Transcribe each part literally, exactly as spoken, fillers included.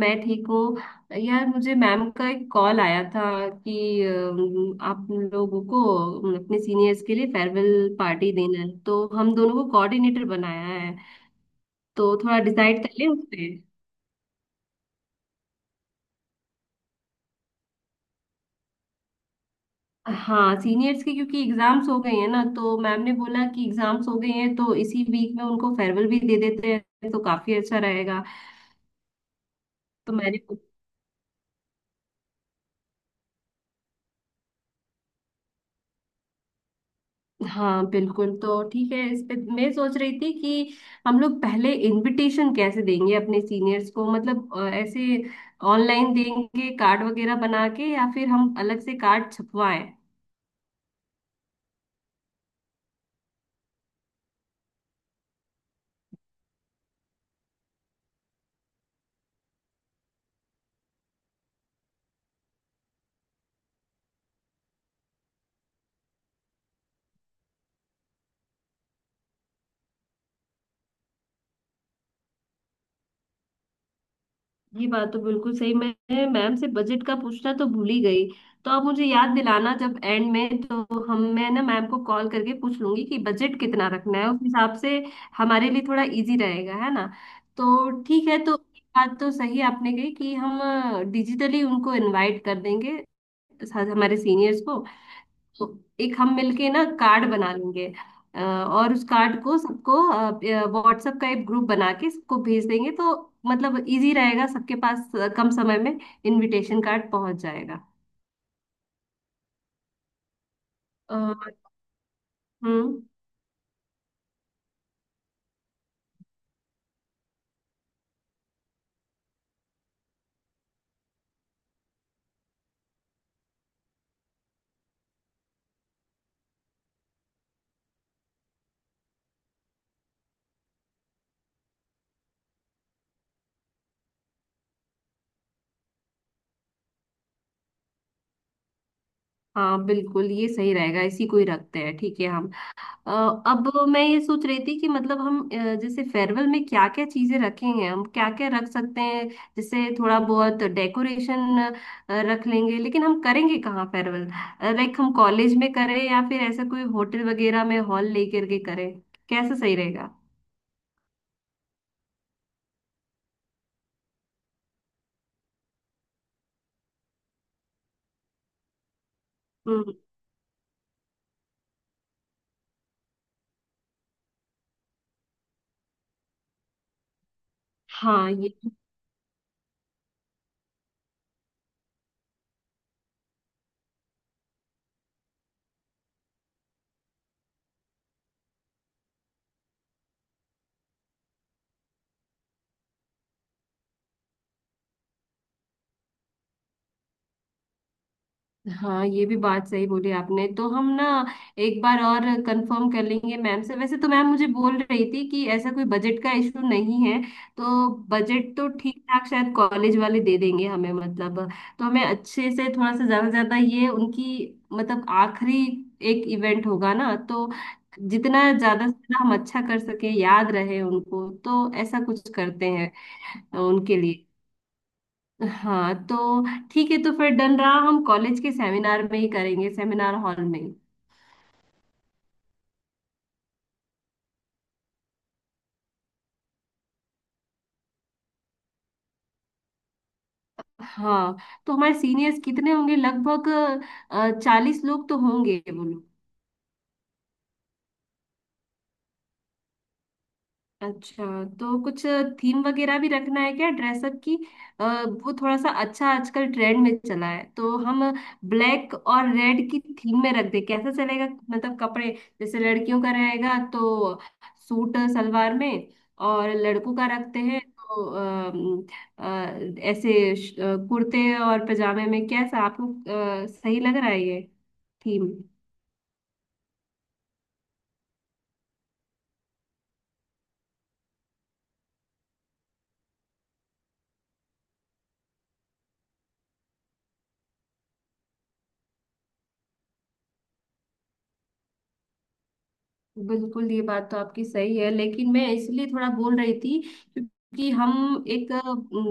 मैं ठीक हूँ यार। मुझे मैम का एक कॉल आया था कि अम, आप लोगों को अम, अपने सीनियर्स के लिए फेयरवेल पार्टी देना है, तो हम दोनों को कोऑर्डिनेटर बनाया है। तो थोड़ा डिसाइड कर लें उस पे। हाँ, सीनियर्स के, क्योंकि एग्जाम्स हो गए हैं ना, तो मैम ने बोला कि एग्जाम्स हो गए हैं तो इसी वीक में उनको फेयरवेल भी दे देते हैं, तो काफी अच्छा रहेगा। तो मैंने। हाँ बिल्कुल। तो ठीक है, इस पे मैं सोच रही थी कि हम लोग पहले इनविटेशन कैसे देंगे अपने सीनियर्स को, मतलब अ, ऐसे ऑनलाइन देंगे कार्ड वगैरह बना के, या फिर हम अलग से कार्ड छपवाएं? ये बात तो बिल्कुल सही। मैं मैम से बजट का पूछना तो भूल ही गई। तो आप मुझे याद दिलाना जब एंड में, तो हम मैं ना मैम को कॉल करके पूछ लूंगी कि बजट कितना रखना है, उस हिसाब से हमारे लिए थोड़ा इजी रहेगा। है ना? तो ठीक है। तो ये बात तो सही आपने कही, कि हम डिजिटली उनको इनवाइट कर देंगे साथ हमारे सीनियर्स को। तो एक हम मिलके ना कार्ड बना लेंगे, अ, और उस कार्ड को सबको व्हाट्सएप का एक ग्रुप बना के सबको भेज देंगे, तो मतलब इजी रहेगा, सबके पास अ, कम समय में इनविटेशन कार्ड पहुंच जाएगा। अ, हम्म। हाँ बिल्कुल, ये सही रहेगा। इसी को ही रखते हैं। ठीक है हम। अ, अब मैं ये सोच रही थी कि मतलब हम अ, जैसे फेयरवेल में क्या क्या चीजें रखेंगे, हम क्या क्या रख सकते हैं। जैसे थोड़ा बहुत डेकोरेशन रख लेंगे, लेकिन हम करेंगे कहाँ फेयरवेल? लाइक हम कॉलेज में करें, या फिर ऐसा कोई होटल वगैरह में हॉल लेकर के करें? कैसा सही रहेगा? हम्म। हाँ ये हाँ ये भी बात सही बोली आपने। तो हम ना एक बार और कंफर्म कर लेंगे मैम से। वैसे तो मैम मुझे बोल रही थी कि ऐसा कोई बजट का इशू नहीं है, तो बजट तो ठीक ठाक शायद कॉलेज वाले दे देंगे हमें, मतलब। तो हमें अच्छे से थोड़ा सा ज्यादा ज्यादा ये उनकी, मतलब आखिरी एक इवेंट होगा ना, तो जितना ज्यादा से ज्यादा हम अच्छा कर सके, याद रहे उनको, तो ऐसा कुछ करते हैं उनके लिए। हाँ तो ठीक है। तो फिर डन रहा, हम कॉलेज के सेमिनार में ही करेंगे, सेमिनार हॉल में। हाँ, तो हमारे सीनियर्स कितने होंगे लगभग? चालीस लोग तो होंगे, बोलो। अच्छा। तो कुछ थीम वगैरह भी रखना है क्या, ड्रेसअप की? अ, वो थोड़ा सा अच्छा आजकल ट्रेंड में चला है, तो हम ब्लैक और रेड की थीम में रख दे, कैसा चलेगा? मतलब कपड़े, जैसे लड़कियों का रहेगा तो सूट सलवार में, और लड़कों का रखते हैं तो अम, अ, ऐसे श- अ, कुर्ते और पजामे में, कैसा आपको अ, सही लग रहा है ये थीम? बिल्कुल, ये बात तो आपकी सही है, लेकिन मैं इसलिए थोड़ा बोल रही थी, क्योंकि हम एक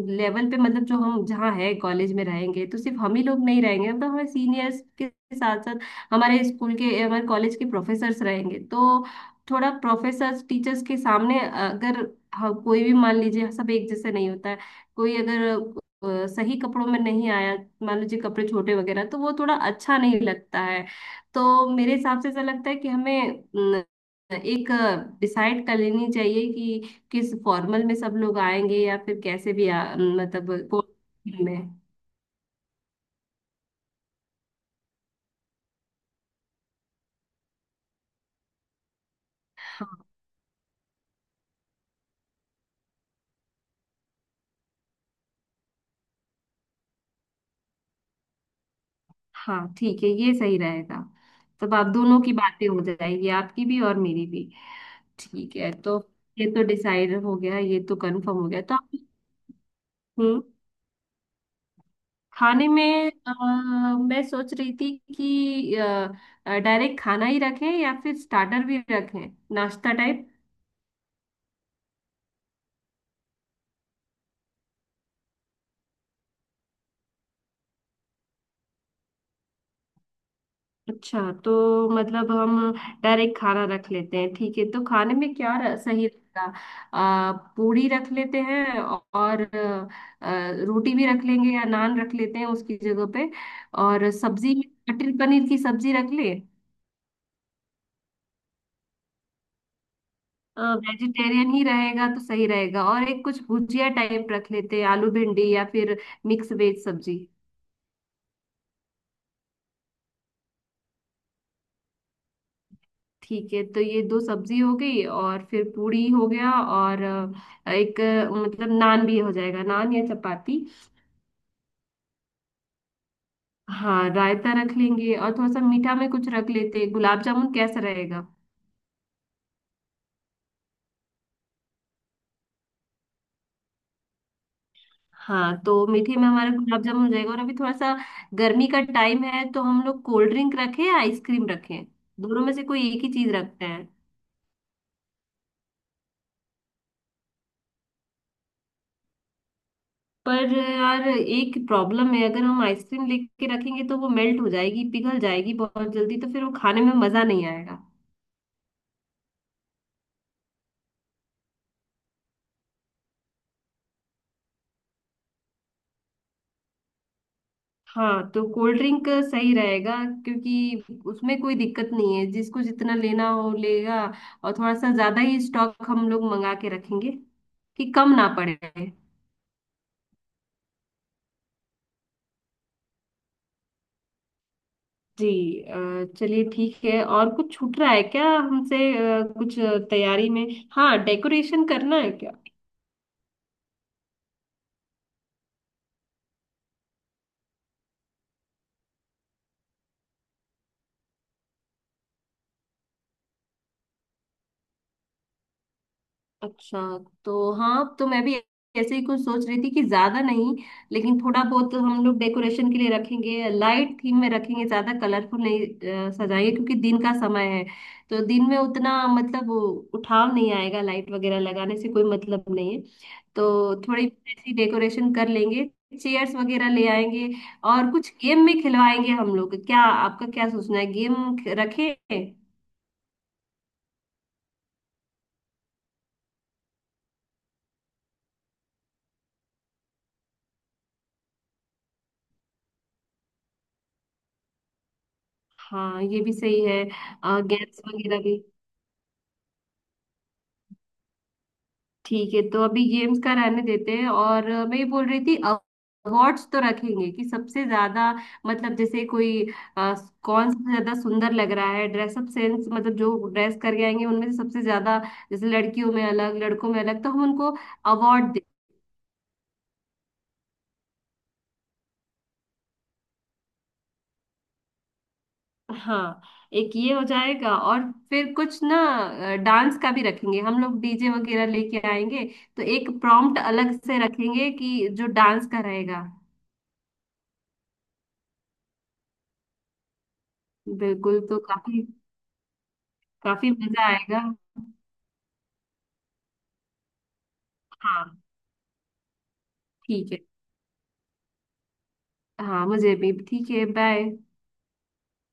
लेवल पे, मतलब जो हम जहाँ है कॉलेज में रहेंगे तो सिर्फ हम ही लोग नहीं रहेंगे, मतलब हमारे सीनियर्स के साथ साथ हमारे स्कूल के, हमारे कॉलेज के प्रोफेसर्स रहेंगे। तो थोड़ा प्रोफेसर्स टीचर्स के सामने अगर, हाँ, कोई भी, मान लीजिए सब एक जैसे नहीं होता है। कोई अगर अ, सही कपड़ों में नहीं आया, मान लीजिए कपड़े छोटे वगैरह, तो वो थोड़ा अच्छा नहीं लगता है। तो मेरे हिसाब से ऐसा लगता है कि हमें एक डिसाइड कर लेनी चाहिए कि किस फॉर्मल में सब लोग आएंगे, या फिर कैसे भी आ, मतलब कौन में। हाँ हाँ ठीक है, ये सही रहेगा। तब आप दोनों की बातें हो जाएगी, आपकी भी और मेरी भी। ठीक है। तो ये तो डिसाइड हो गया, ये तो कंफर्म हो गया। तो आप। हम्म। खाने में अ, मैं सोच रही थी कि डायरेक्ट खाना ही रखें, या फिर स्टार्टर भी रखें, नाश्ता टाइप। अच्छा। तो मतलब हम डायरेक्ट खाना रख लेते हैं। ठीक है, तो खाने में क्या र- सही रहेगा? आ, पूरी रख लेते हैं, और आ, रोटी भी रख लेंगे, या नान रख लेते हैं उसकी जगह पे। और सब्जी में मटर पनीर की सब्जी रख ले। वेजिटेरियन ही रहेगा तो सही रहेगा। और एक कुछ भुजिया टाइप रख लेते हैं, आलू भिंडी, या फिर मिक्स वेज सब्जी। ठीक है, तो ये दो सब्जी हो गई। और फिर पूड़ी हो गया, और अ, एक अ, मतलब नान भी हो जाएगा, नान या चपाती। हाँ रायता रख लेंगे। और थोड़ा सा मीठा में कुछ रख लेते हैं, गुलाब जामुन कैसा रहेगा? हाँ, तो मीठे में हमारा गुलाब जामुन हो जाएगा। और अभी थोड़ा सा गर्मी का टाइम है, तो हम लोग कोल्ड ड्रिंक रखें या आइसक्रीम रखें? दोनों में से कोई एक ही चीज रखते हैं। पर यार एक प्रॉब्लम है, अगर हम आइसक्रीम लेके रखेंगे तो वो मेल्ट हो जाएगी, पिघल जाएगी बहुत जल्दी, तो फिर वो खाने में मजा नहीं आएगा। हाँ, तो कोल्ड ड्रिंक सही रहेगा, क्योंकि उसमें कोई दिक्कत नहीं है, जिसको जितना लेना हो लेगा। और थोड़ा सा ज्यादा ही स्टॉक हम लोग मंगा के रखेंगे, कि कम ना पड़े। जी। अ, चलिए ठीक है। और कुछ छूट रहा है क्या हमसे, अ, कुछ अ, तैयारी में? हाँ, डेकोरेशन करना है क्या? अच्छा। तो हाँ, तो मैं भी ऐसे ही कुछ सोच रही थी, कि ज्यादा नहीं, लेकिन थोड़ा बहुत हम लोग डेकोरेशन के लिए रखेंगे, लाइट थीम में रखेंगे, ज्यादा कलरफुल नहीं अ, सजाएंगे, क्योंकि दिन का समय है, तो दिन में उतना, मतलब वो उठाव नहीं आएगा, लाइट वगैरह लगाने से कोई मतलब नहीं है। तो थोड़ी ऐसी डेकोरेशन कर लेंगे, चेयर्स वगैरह ले आएंगे। और कुछ गेम में खिलवाएंगे हम लोग क्या, आपका क्या सोचना है, गेम रखें? हाँ ये भी सही है, गेम्स वगैरह भी। ठीक है, तो अभी गेम्स का रहने देते हैं। और अ, मैं ये बोल रही थी, अवार्ड्स तो रखेंगे कि सबसे ज्यादा, मतलब जैसे कोई अ, कौन सबसे ज्यादा सुंदर लग रहा है, ड्रेसअप सेंस, मतलब जो ड्रेस करके आएंगे उनमें से सबसे ज्यादा, जैसे लड़कियों में अलग लड़कों में अलग, तो हम उनको अवार्ड दे। हाँ, एक ये हो जाएगा। और फिर कुछ ना, डांस का भी रखेंगे हम लोग, डीजे वगैरह लेके आएंगे, तो एक प्रॉम्प्ट अलग से रखेंगे कि जो डांस का रहेगा। बिल्कुल, तो काफी, काफी मजा आएगा। हाँ ठीक है। हाँ मुझे भी ठीक है। बाय।